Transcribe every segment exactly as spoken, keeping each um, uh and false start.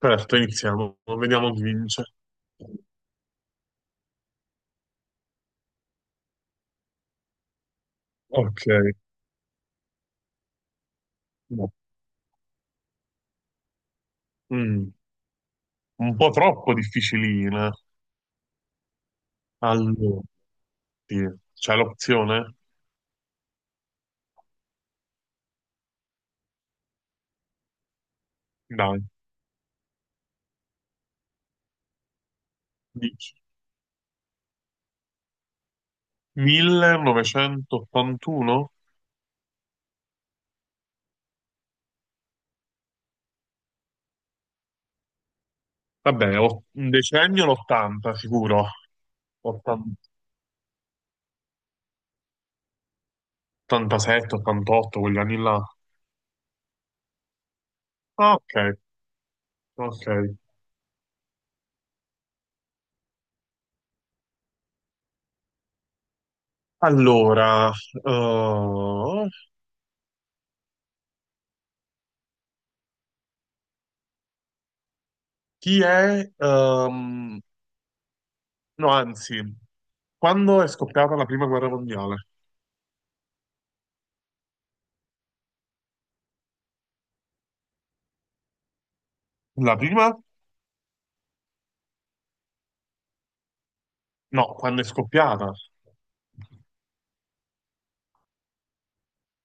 Certo, iniziamo, vediamo chi vince. Ok, no. Mm, un po' troppo difficilina. Allora, sì. C'è l'opzione? Dai, dici. millenovecentottantuno? Vabbè, o- un decennio l'ottanta sicuro. ottantasette, ottantotto, quegli anni là. Ah, Ok, ok. Allora, eh, chi è... ehm, no, anzi, quando è scoppiata la prima guerra mondiale? La prima? No, quando è scoppiata.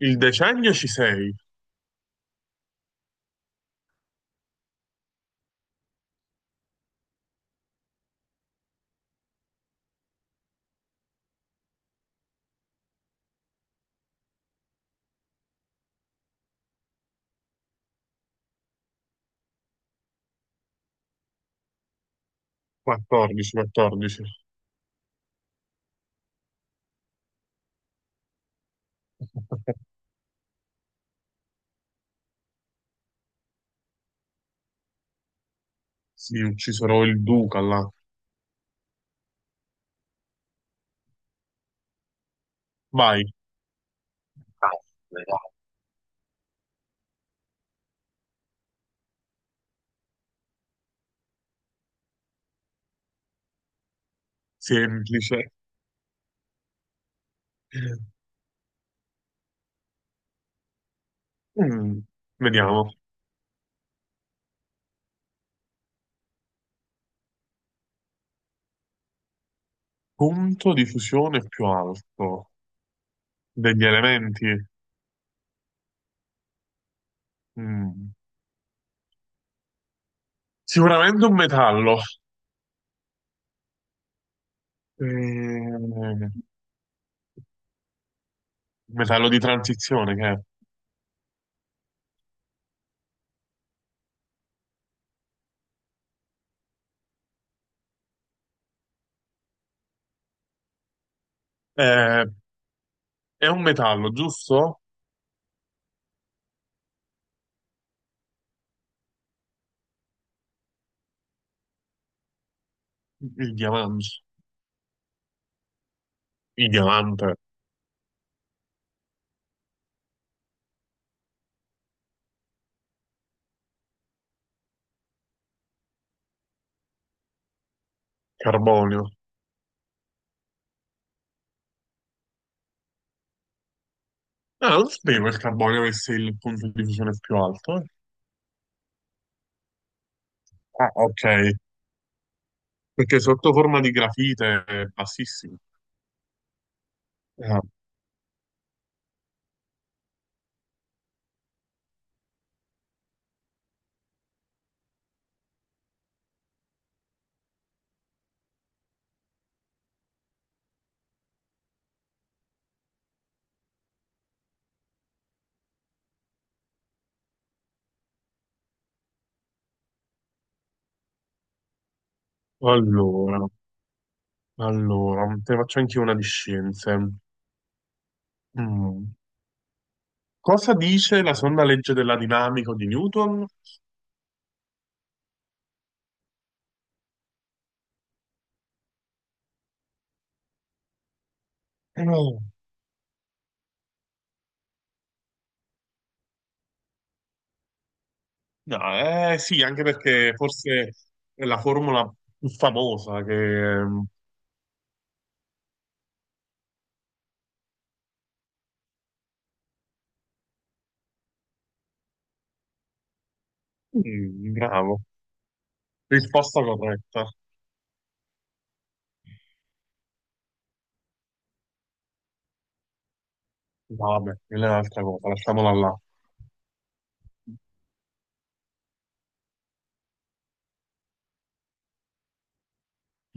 Il decennio ci sei. quattordici, quattordici. Sì, uccisero il duca là. Vai. Caspita. Semplice. Mm, vediamo. Punto di fusione più alto degli elementi. Mm, Sicuramente un metallo. Eh, metallo di transizione che è. Eh, è un metallo, giusto? Il diamante. Il diamante, carbonio. Ah, non sapevo che il carbonio avesse il punto di fusione più alto. eh. Ah, ok, perché sotto forma di grafite è bassissimo. Ah, allora, allora, te ne faccio anche una di scienze. Mm. Cosa dice la seconda legge della dinamica di Newton? No, No, eh, sì, anche perché forse è la formula più famosa che... Mm, bravo, risposta corretta. Vabbè, quella è un'altra cosa, lasciamola là.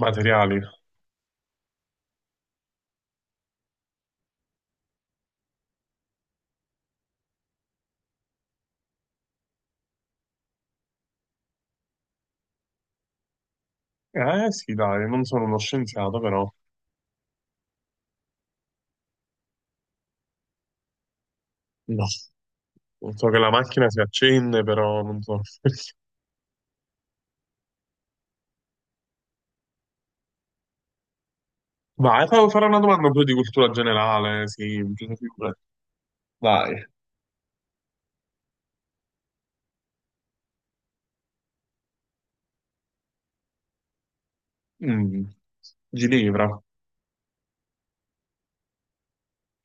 Materiali. Eh sì, dai, non sono uno scienziato, però no. So che la macchina si accende, però non so. Vai, fa- farò una domanda un po' di cultura generale, sì, figurati. Dai. Mm, Ginevra?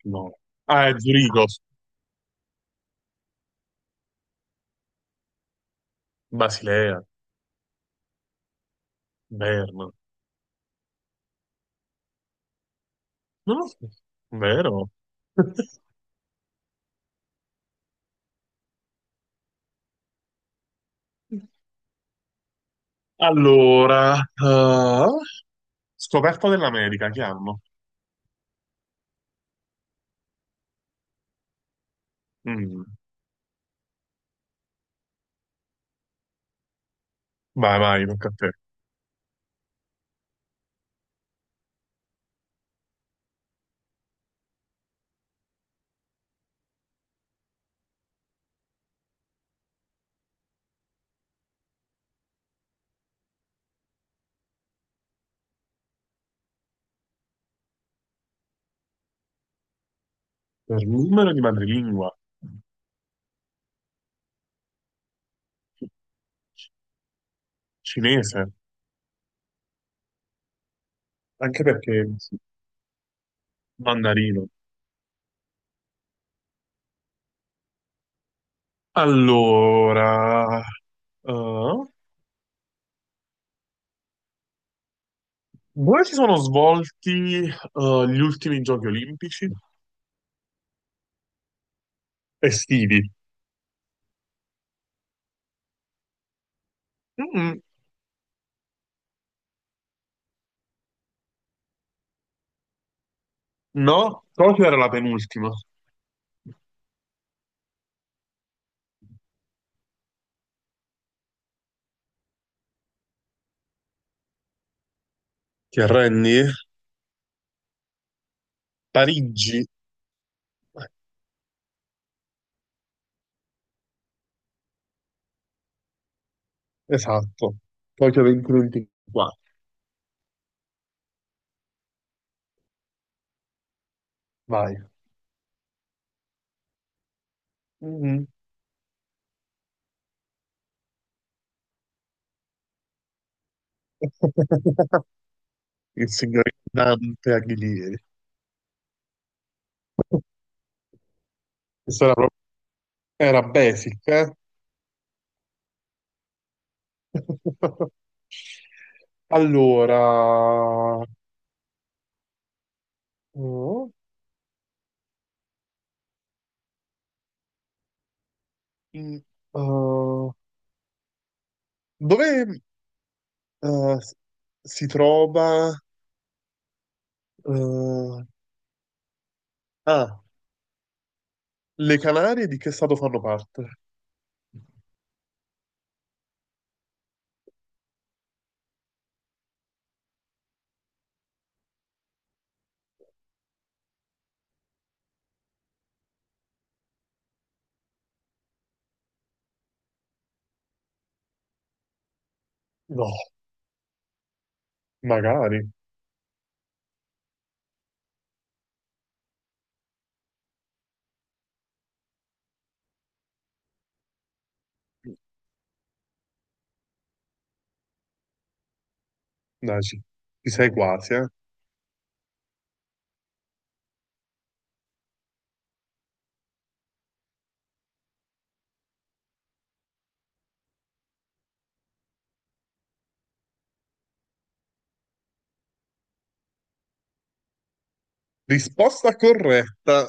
No. Ah, è Zurigo, Basilea, Berna. Non lo so. Vero? Allora, eh, scoperta dell'America, che hanno? Mm, vai, vai, tocca a te. Per numero di madrelingua, cinese, anche perché sì, mandarino. Allora, eh, dove si sono svolti eh, gli ultimi giochi olimpici estivi? Mm, no, Tokyo era la penultima. Ti arrendi? Parigi, esatto. Tokyo duemilaventiquattro. Vai. Mm. Il signor Dante Alighieri. Questa era, proprio- era basic, eh? Allora, oh, in- eh, dove, Eh, si trova... eh, ah, le Canarie di che stato fanno parte? No, magari. Dai, ci ci sei quasi, eh. Risposta corretta.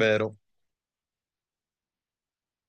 Vero.